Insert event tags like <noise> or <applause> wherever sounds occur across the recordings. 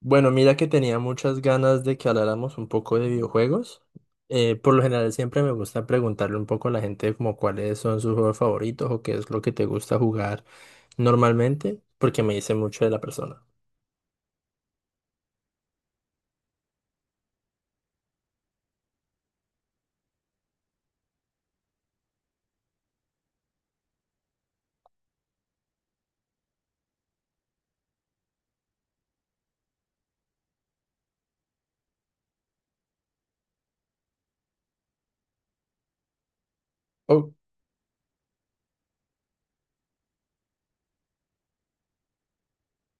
Bueno, mira que tenía muchas ganas de que habláramos un poco de videojuegos. Por lo general siempre me gusta preguntarle un poco a la gente como cuáles son sus juegos favoritos o qué es lo que te gusta jugar normalmente, porque me dice mucho de la persona. Oh,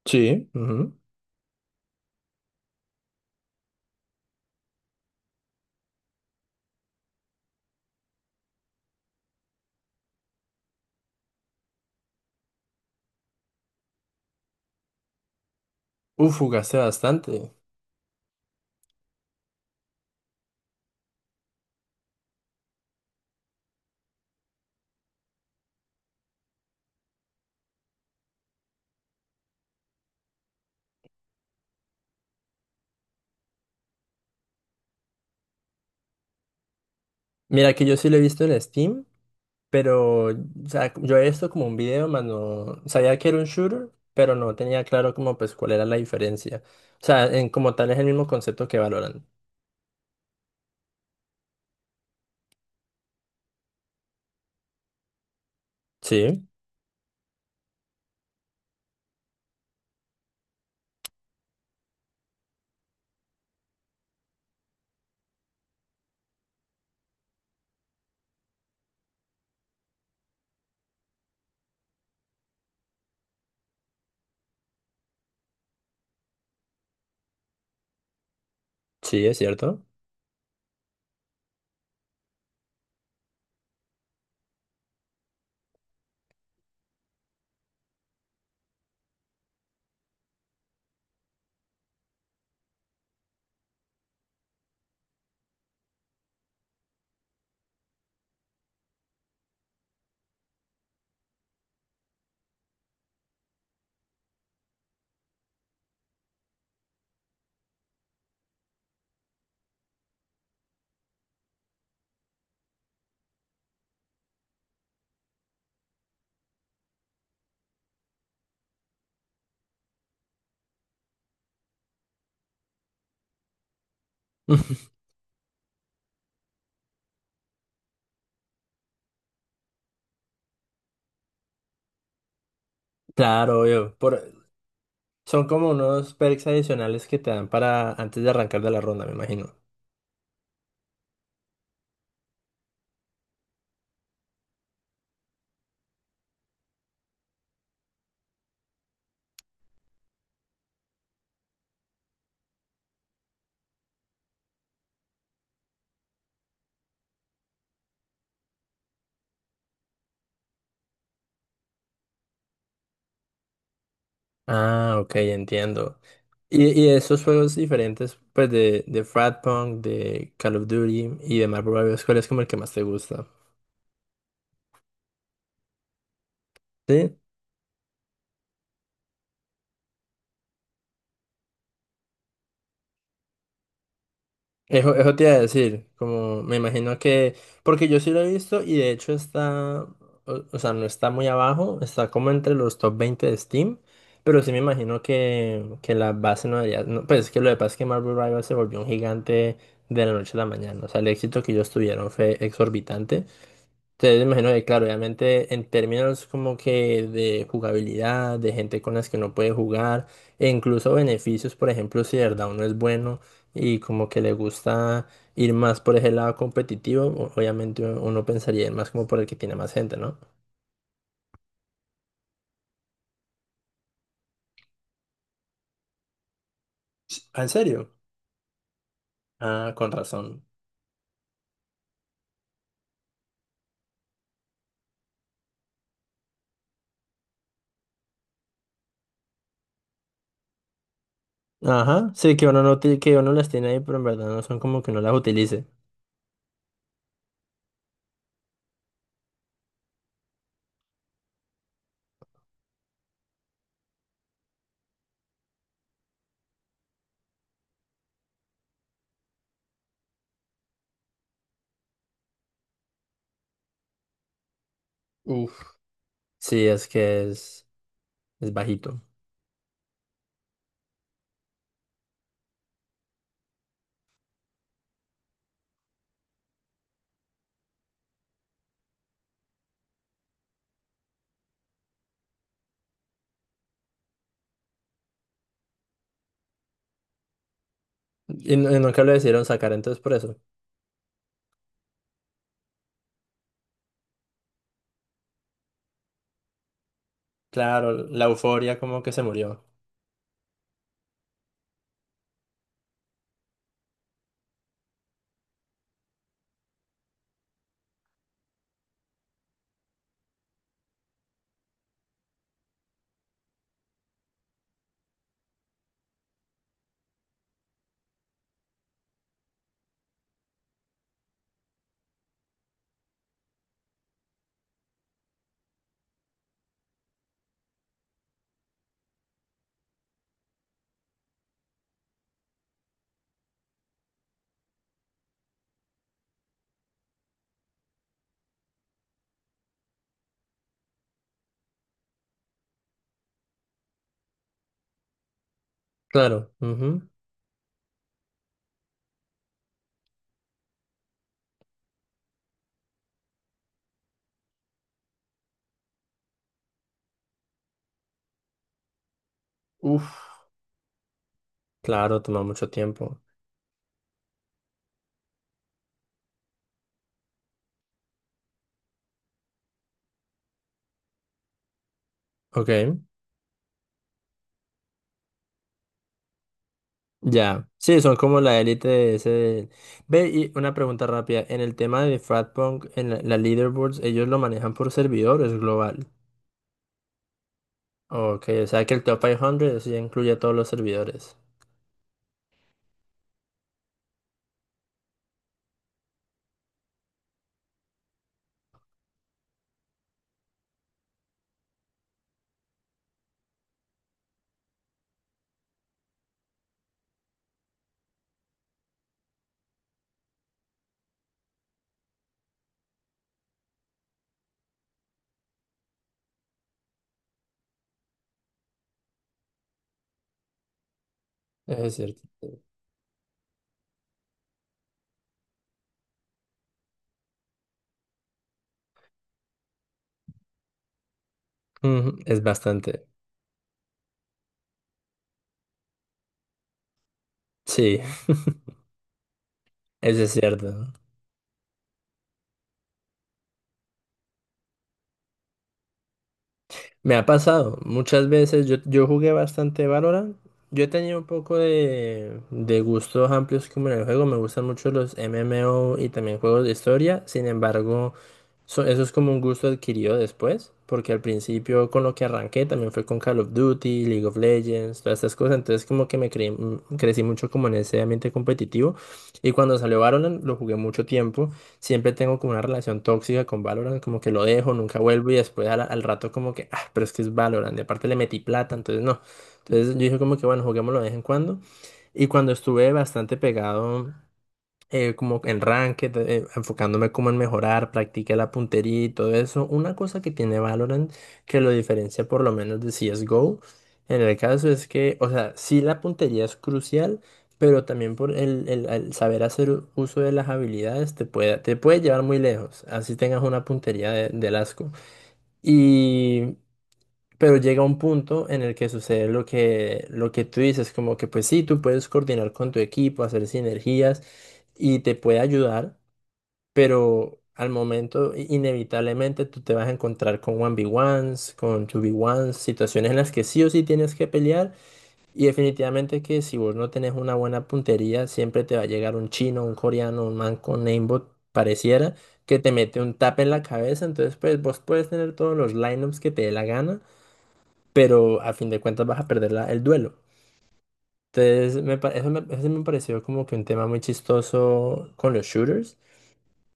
sí. Ujú. Uf, jugaste bastante. Mira que yo sí lo he visto en Steam, pero o sea, yo he visto como un video, más no sabía que era un shooter, pero no tenía claro como pues cuál era la diferencia. O sea, en como tal es el mismo concepto que Valorant. Sí, sí, es cierto. <laughs> Claro, obvio. Por, son como unos perks adicionales que te dan para antes de arrancar de la ronda, me imagino. Ah, ok, entiendo. Y esos juegos diferentes, pues de Frat Punk, de Call of Duty y de Marvel Rivals, ¿cuál es como el que más te gusta? Sí. Eso te iba a decir, como me imagino que, porque yo sí lo he visto y de hecho está, o sea, no está muy abajo, está como entre los top 20 de Steam, pero sí me imagino que la base no debería, no, pues es que lo que pasa es que Marvel Rivals se volvió un gigante de la noche a la mañana, o sea, el éxito que ellos tuvieron fue exorbitante, entonces, imagino que, claro, obviamente en términos como que de jugabilidad, de gente con las que uno puede jugar, e incluso beneficios, por ejemplo, si de verdad uno es bueno y como que le gusta ir más por ese lado competitivo, obviamente uno pensaría más como por el que tiene más gente, ¿no? Ah, ¿en serio? Ah, con razón. Ajá, sí, que uno no ti- que uno las tiene ahí, pero en verdad no son como que uno las utilice. Uf. Sí, es que es bajito. Y nunca lo decidieron sacar, entonces por eso. Claro, la euforia como que se murió. Claro. Ujú. Uf, claro, toma mucho tiempo. Ok, ya. Sí, son como la élite de ese... Ve, y una pregunta rápida. En el tema de Fratpunk, en la leaderboards, ellos lo manejan por servidores global. Ok, o sea que el top 500 sí incluye a todos los servidores. Eso es cierto. Ujú, es bastante. Sí, <laughs> eso es cierto. Me ha pasado muchas veces, yo jugué bastante Valorant, yo he tenido un poco de gustos amplios como en el juego, me gustan mucho los MMO y también juegos de historia, sin embargo, eso es como un gusto adquirido después, porque al principio con lo que arranqué también fue con Call of Duty, League of Legends, todas estas cosas, entonces como que crecí mucho como en ese ambiente competitivo, y cuando salió Valorant lo jugué mucho tiempo, siempre tengo como una relación tóxica con Valorant, como que lo dejo, nunca vuelvo y después al rato como que, ah, pero es que es Valorant, y aparte le metí plata, entonces no, entonces yo dije como que bueno, juguémoslo de vez en cuando. Y cuando estuve bastante pegado como en ranked, enfocándome como en mejorar, practiqué la puntería y todo eso. Una cosa que tiene Valorant que lo diferencia por lo menos de CSGO, en el caso es que, o sea, sí la puntería es crucial, pero también por el saber hacer uso de las habilidades te puede llevar muy lejos, así tengas una puntería de, del asco. Pero llega un punto en el que sucede lo que tú dices, como que pues sí, tú puedes coordinar con tu equipo, hacer sinergias y te puede ayudar, pero al momento inevitablemente tú te vas a encontrar con 1 v ones, con 2 v ones, situaciones en las que sí o sí tienes que pelear y definitivamente que si vos no tenés una buena puntería, siempre te va a llegar un chino, un coreano, un man con aimbot, pareciera, que te mete un tap en la cabeza, entonces pues vos puedes tener todos los lineups que te dé la gana, pero a fin de cuentas vas a perder el duelo. Entonces, eso me, eso sí me pareció como que un tema muy chistoso con los shooters.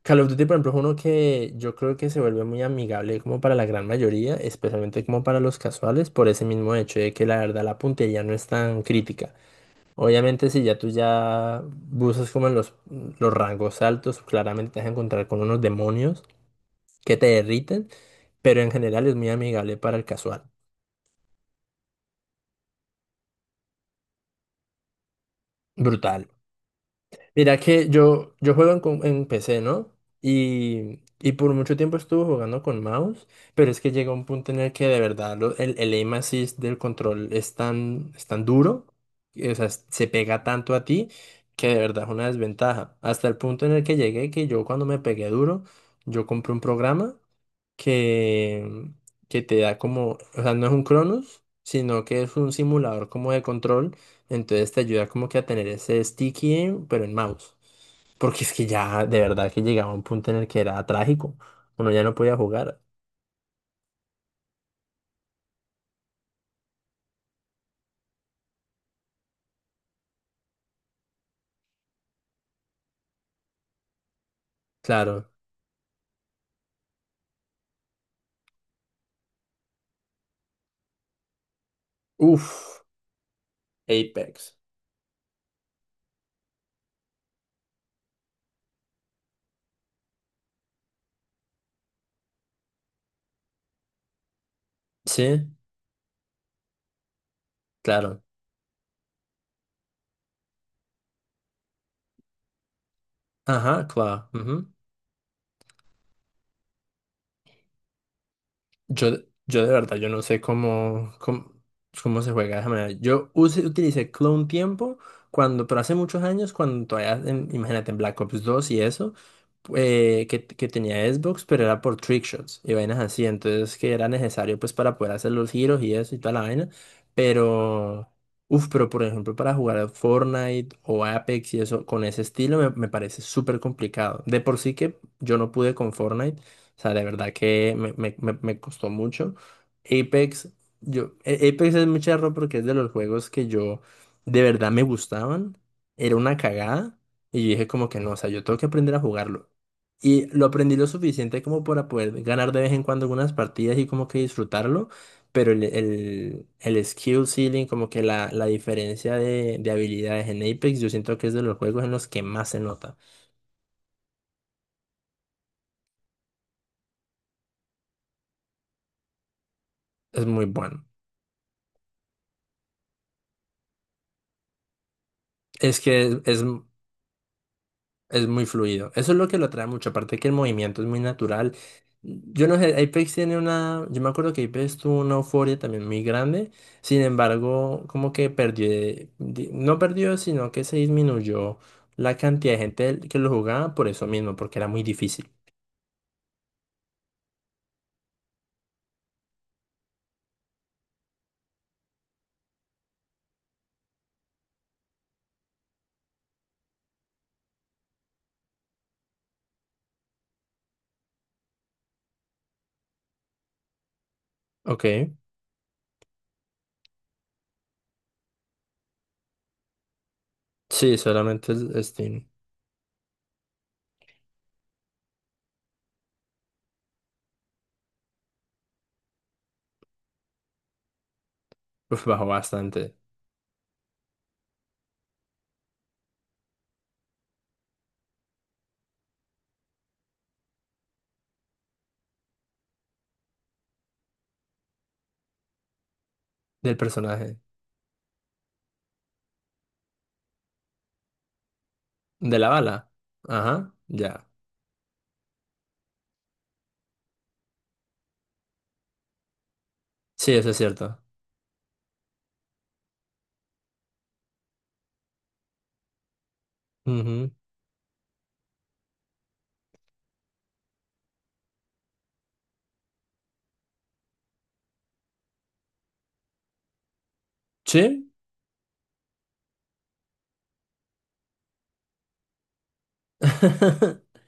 Call of Duty, por ejemplo, es uno que yo creo que se vuelve muy amigable como para la gran mayoría, especialmente como para los casuales, por ese mismo hecho de que la verdad la puntería no es tan crítica. Obviamente, si ya tú ya buscas como en los rangos altos, claramente te vas a encontrar con unos demonios que te derriten, pero en general es muy amigable para el casual. Brutal. Mira que yo juego en, en PC, ¿no? Y por mucho tiempo estuve jugando con mouse, pero es que llega un punto en el que de verdad el aim assist del control es tan duro, y, o sea, se pega tanto a ti que de verdad es una desventaja. Hasta el punto en el que llegué que yo cuando me pegué duro, yo compré un programa que, que te da como, o sea, no es un Cronus, sino que es un simulador como de control, entonces te ayuda como que a tener ese sticky, pero en mouse. Porque es que ya de verdad que llegaba un punto en el que era trágico. Uno ya no podía jugar. Claro. Uf, Apex. Sí, claro. Ajá, claro. Yo, yo de verdad, yo no sé cómo, cómo, cómo se juega de esa manera. Yo utilicé Clone Tiempo cuando, pero hace muchos años, cuando todavía, imagínate, en Black Ops 2 y eso, que tenía Xbox, pero era por trickshots y vainas así, entonces que era necesario pues para poder hacer los giros y eso y toda la vaina, pero, uff, pero por ejemplo para jugar a Fortnite o Apex y eso, con ese estilo me, parece súper complicado. De por sí que yo no pude con Fortnite, o sea, de verdad que me, me costó mucho. Apex, yo, Apex es muy charro porque es de los juegos que yo de verdad me gustaban. Era una cagada. Y yo dije como que no, o sea, yo tengo que aprender a jugarlo. Y lo aprendí lo suficiente como para poder ganar de vez en cuando algunas partidas y como que disfrutarlo. Pero el skill ceiling, como que la diferencia de habilidades en Apex, yo siento que es de los juegos en los que más se nota. Es muy bueno. Es que es muy fluido. Eso es lo que lo atrae mucho. Aparte que el movimiento es muy natural. Yo no sé, Apex tiene una. Yo me acuerdo que Apex tuvo una euforia también muy grande. Sin embargo, como que perdió. No perdió, sino que se disminuyó la cantidad de gente que lo jugaba por eso mismo, porque era muy difícil. Ok. Sí, solamente el Steam. Uf, bajó bastante. Del personaje. De la bala. Ajá. Ya. Sí, eso es cierto. Ujú. Sí. <laughs>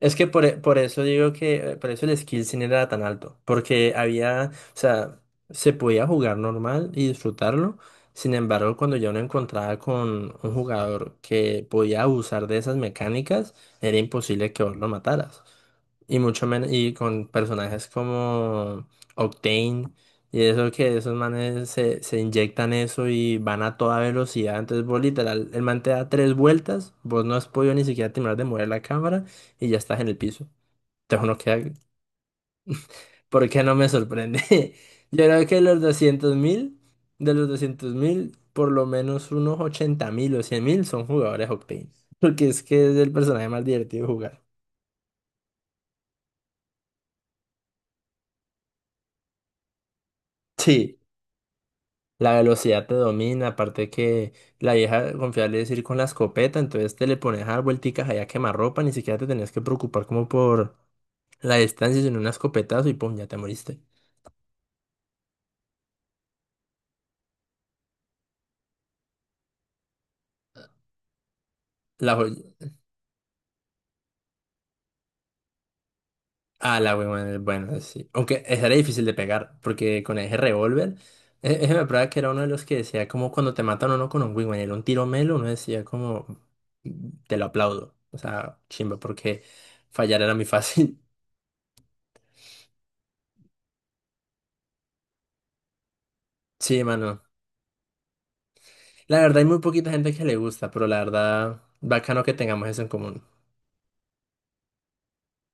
Es que por, por eso digo que, por eso el skill sin era tan alto, porque había, o sea, se podía jugar normal y disfrutarlo, sin embargo, cuando yo no encontraba con un jugador que podía abusar de esas mecánicas, era imposible que vos lo mataras. Y mucho menos, y con personajes como Octane y eso que esos manes se, se inyectan eso y van a toda velocidad. Entonces vos literal, el man te da tres vueltas, vos no has podido ni siquiera terminar de mover la cámara y ya estás en el piso. Entonces uno queda, ¿por qué no me sorprende? <laughs> Yo creo que los 200,000, de los 200,000, por lo menos unos 80,000 o 100,000 son jugadores Octane. Porque es que es el personaje más divertido de jugar. Sí. La velocidad te domina, aparte que la vieja confiable es ir con la escopeta, entonces te le pones a dar vuelticas allá a quemarropa, ni siquiera te tenías que preocupar como por la distancia, sino un escopetazo y pum, ya te moriste. La joy- Ah, la huevona, bueno, sí. Aunque esa era difícil de pegar, porque con ese revólver, ese me prueba que era uno de los que decía como cuando te matan a uno con un wingman, era un tiro melo, uno decía como, "Mm, te lo aplaudo. O sea, chimba, porque fallar era muy fácil." <laughs> Sí, mano. La verdad hay muy poquita gente que le gusta, pero la verdad, bacano que tengamos eso en común.